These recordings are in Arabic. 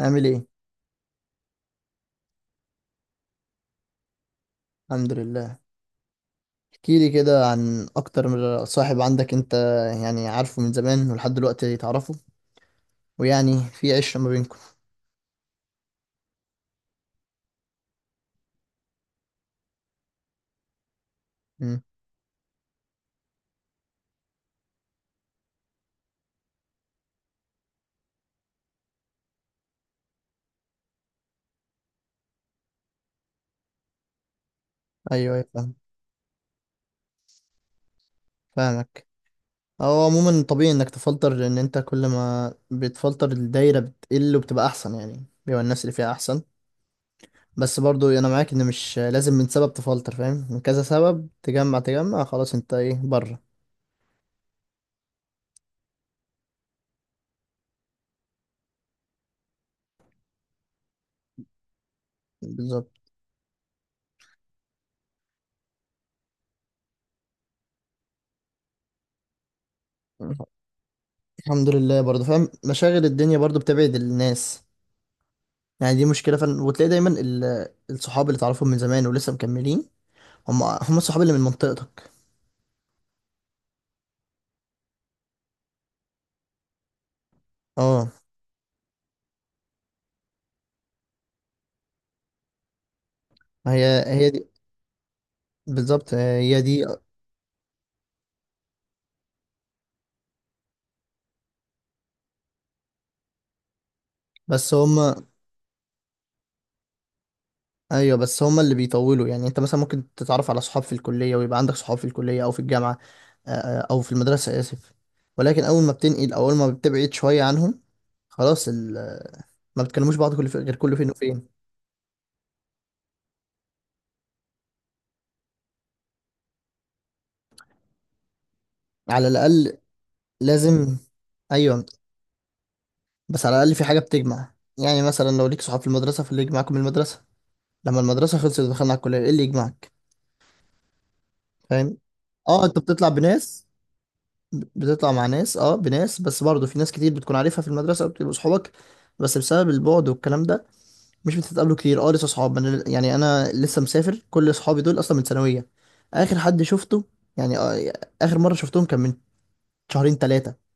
عامل ايه؟ الحمد لله. احكي لي كده عن اكتر من صاحب عندك انت، يعني عارفه من زمان ولحد دلوقتي تعرفه، ويعني في عشرة ما بينكم. امم. ايوه، ايوه، فاهم. فاهمك. هو عموما طبيعي انك تفلتر لان انت كل ما بتفلتر الدايره بتقل وبتبقى احسن، يعني بيبقى الناس اللي فيها احسن. بس برضو انا معاك ان مش لازم من سبب تفلتر فاهم، من كذا سبب تجمع تجمع. خلاص انت ايه بره؟ بالظبط. الحمد لله. برضو فاهم مشاغل الدنيا برضو بتبعد الناس. يعني دي مشكلة فعلا، وتلاقي دايما الصحاب اللي تعرفهم من زمان ولسه مكملين هم هم الصحاب اللي من منطقتك. اه. هي هي دي. بالظبط، هي دي. بس هم. ايوه، بس هم اللي بيطولوا، يعني انت مثلا ممكن تتعرف على صحاب في الكلية ويبقى عندك صحاب في الكلية او في الجامعة. او في المدرسة، اسف. ولكن اول ما بتنقل او اول ما بتبعد شوية عنهم، خلاص ما بتكلموش بعض غير كل فين وفين. على الاقل. لازم. ايوه. بس على الأقل في حاجة بتجمع، يعني مثلا لو ليك صحاب في المدرسة فاللي يجمعكم من المدرسة، لما المدرسة خلصت ودخلنا على الكلية ايه اللي يجمعك؟ فاهم. اه، انت بتطلع مع ناس، اه بناس، بس برضه في ناس كتير بتكون عارفها في المدرسة وبتبقوا صحابك، بس بسبب البعد والكلام ده مش بتتقابلوا كتير. اه، لسه صحاب. أنا يعني، انا لسه مسافر، كل صحابي دول اصلا من ثانوية. اخر حد شفته يعني، اخر مرة شفتهم كان من شهرين ثلاثة.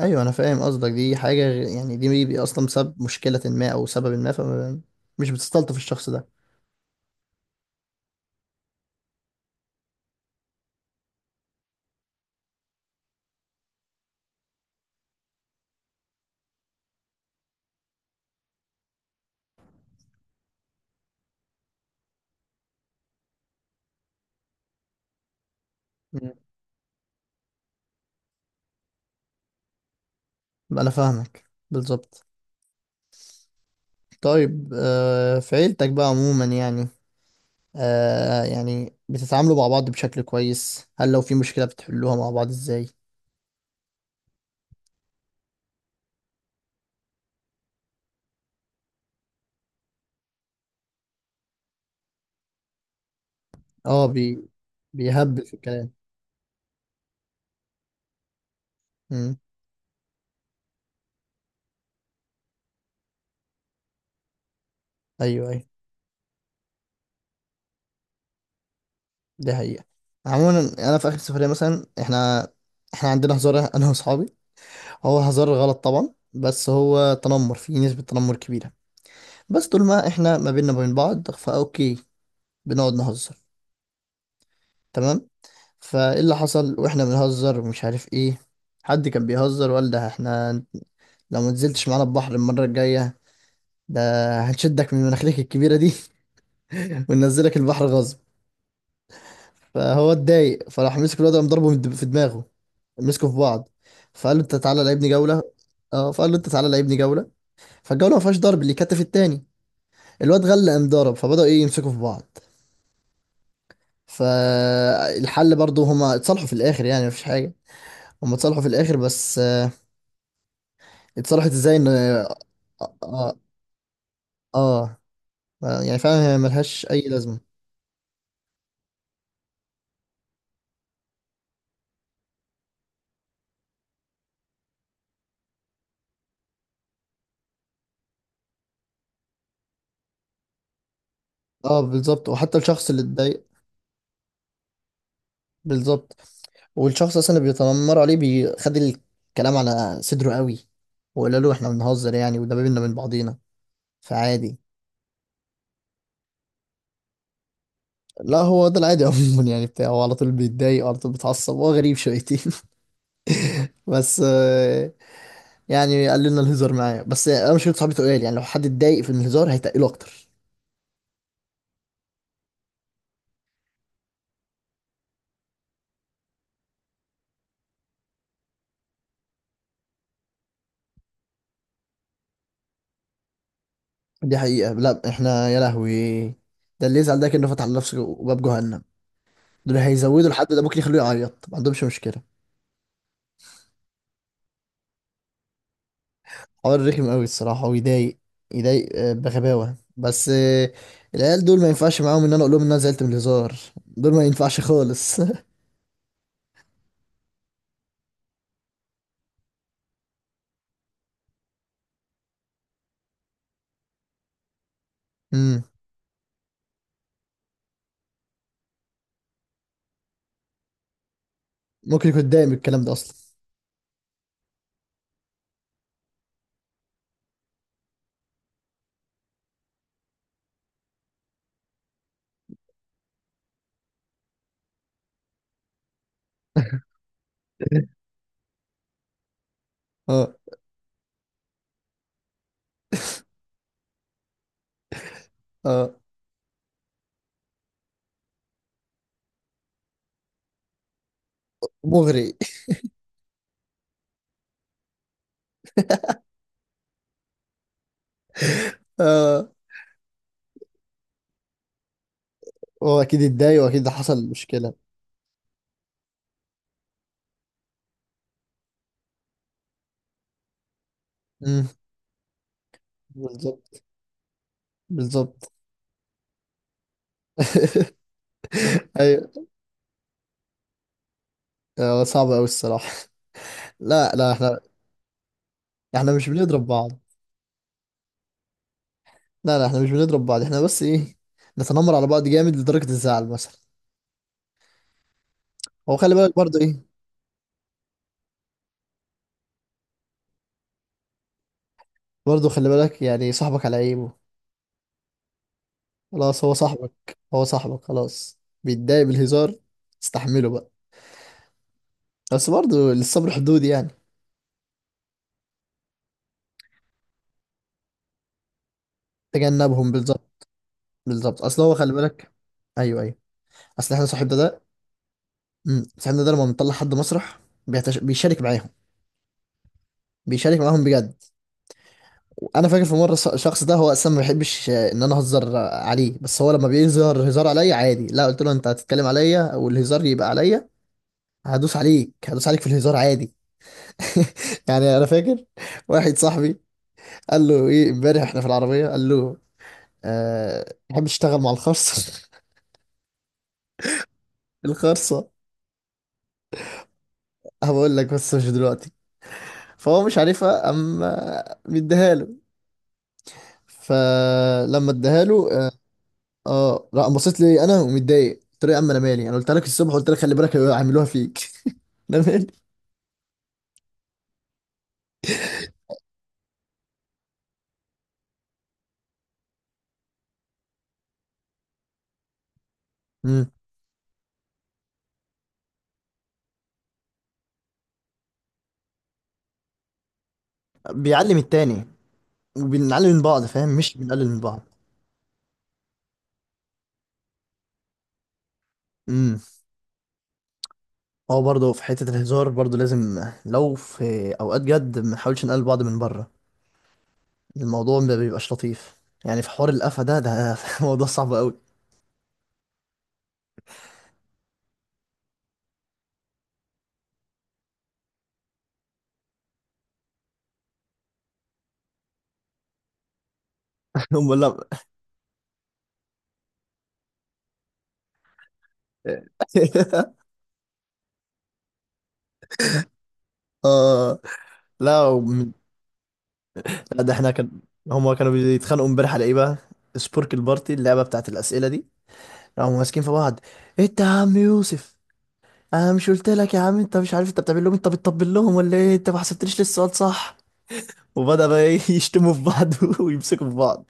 ايوه، انا فاهم قصدك. دي حاجه اصلا سبب مشكله ما او سبب ما، فمش بتستلطف الشخص ده. مم. انا فاهمك. بالظبط. طيب، في عيلتك بقى عموما، يعني، يعني بتتعاملوا مع بعض بشكل كويس؟ هل لو في مشكله بتحلوها مع بعض ازاي؟ اه، بيهبل في الكلام. مم. ايوه، ايوه. دي حقيقه. عموما انا في اخر سفريه مثلا، احنا عندنا هزار انا واصحابي. هو هزار غلط طبعا، بس هو تنمر فيه نسبه تنمر كبيره. بس طول ما احنا ما بيننا وبين بعض فاوكي، بنقعد نهزر، تمام. فايه اللي حصل واحنا بنهزر ومش عارف ايه، حد كان بيهزر وقال، ده احنا لو ما نزلتش معانا البحر المرة الجاية ده هنشدك من مناخيرك الكبيرة دي وننزلك البحر غصب. فهو اتضايق، فراح مسك الواد، قام ضربه في دماغه، مسكوا في بعض. فقال له انت تعالى لعبني جولة. اه، فقال له انت تعالى لعبني جولة، فالجولة ما فيهاش ضرب اللي كتف التاني. الواد غلى قام ضرب، فبدأوا ايه يمسكوا في بعض. فالحل برضه هما اتصالحوا في الاخر يعني، مفيش حاجه. هما اتصالحوا في الاخر، بس، اتصالحت ازاي، ان اه آه، يعني فعلا هي ملهاش اي لازمه. اه، بالظبط، وحتى الشخص اللي اتضايق. بالظبط، والشخص اصلا اللي بيتنمر عليه بيخد الكلام على صدره قوي، وقال له احنا بنهزر يعني، وده بينا من بعضينا، فعادي. لا، هو ده العادي عموما يعني، بتاعه هو على طول بيتضايق وعلى طول بيتعصب، هو غريب شويتين. بس، يعني قال لنا الهزار معايا، بس انا مش صاحبي تقال، يعني لو حد اتضايق في الهزار هيتقله اكتر. دي حقيقة. لا احنا يا لهوي، ده اللي يزعل ده كأنه فتح لنفسه باب جهنم، دول هيزودوا. الحد ده ممكن يخلوه يعيط، ما عندهمش مشكلة. حوار رخم قوي الصراحة ويضايق، يضايق بغباوة، بس العيال دول ما ينفعش معاهم ان انا اقول لهم ان انا زعلت من الهزار. دول ما ينفعش خالص. مم. ممكن يكون اتضايق من الكلام ده اصلا. اه، اه، مغري. اه، هو اكيد اتضايق واكيد ده حصل مشكلة. مم. بالظبط. بالظبط. ايوه. هو صعب قوي الصراحه. لا، لا، احنا مش بنضرب بعض. لا، لا، احنا مش بنضرب بعض، احنا بس ايه، نتنمر على بعض جامد لدرجه الزعل مثلا. هو خلي بالك برضه ايه، برضه خلي بالك يعني صاحبك على عيبه، خلاص، هو صاحبك، هو صاحبك خلاص. بيتضايق بالهزار، استحمله بقى، بس برضه للصبر حدود يعني. تجنبهم. بالظبط. بالظبط، اصل هو خلي بالك. ايوه، ايوه. اصل احنا صاحبنا ده لما بنطلع حد مسرح، بيشارك معاهم، بيشارك معاهم بجد. انا فاكر في مره، الشخص ده هو اصلا ما بيحبش، ان انا اهزر، عليه، بس هو لما بيظهر هزار عليا عادي. لا، قلت له انت هتتكلم عليا والهزار يبقى عليا، هدوس عليك هدوس عليك في الهزار عادي. يعني انا فاكر واحد صاحبي قال له ايه امبارح احنا في العربيه، قال له أه تحب تشتغل مع الخرصه؟ الخرصه هقول لك بس مش دلوقتي. فهو مش عارفها اما مديها له. فلما اداها له، اه، لا، بصيت لي انا ومتضايق، قلت له يا عم انا مالي، انا قلت لك الصبح، قلت لك خلي بالك هيعملوها فيك. انا مالي. امم. بيعلم التاني. وبنعلم من بعض، فاهم، مش بنقلل من بعض. امم. هو برضه في حته الهزار برضه لازم لو في اوقات جد ما نحاولش نقلل بعض من بره. الموضوع ما بيبقاش لطيف يعني، في حوار القفا ده. موضوع صعب قوي. هم، لا. اه، لا، لا، ده احنا كان، هما كانوا بيتخانقوا امبارح على ايه بقى، سبورك البارتي، اللعبه بتاعت الاسئله دي، قاموا ماسكين في بعض. انت يا عم يوسف، انا مش قلت لك يا عم، انت مش عارف انت بتعمل لهم إيه؟ انت بتطبل لهم ولا ايه؟ انت ما حسبتليش لسه السؤال صح. وبدأ بقى ايه يشتموا في بعض ويمسكوا في بعض.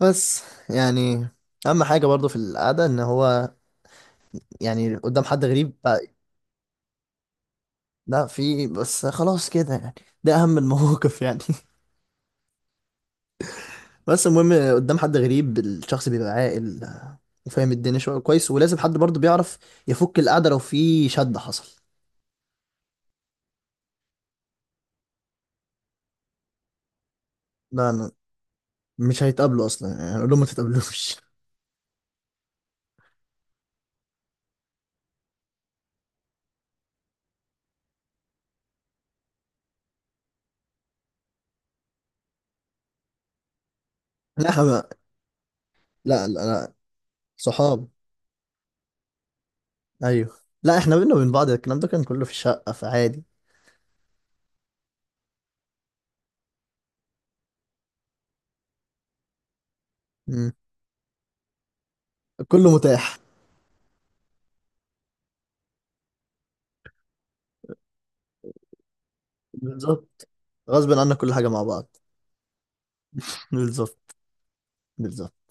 بس، يعني، اهم حاجة برضو في القعدة، ان هو يعني قدام حد غريب بقى. لا، في، بس خلاص كده يعني، ده اهم المواقف يعني. بس المهم قدام حد غريب الشخص بيبقى عاقل، وفاهم الدنيا شوية كويس، ولازم حد برضو بيعرف يفك القعدة لو في شد حصل. لا، مش هيتقابلوا اصلا يعني، هنقول لهم ما تتقابلوش. لا احنا لا، لا، لا، صحاب. ايوه. لا احنا بينا وبين بعض الكلام ده كان كله في الشقه فعادي. مم. كله متاح. بالظبط، غصب عنا كل حاجه مع بعض. بالظبط. بالظبط.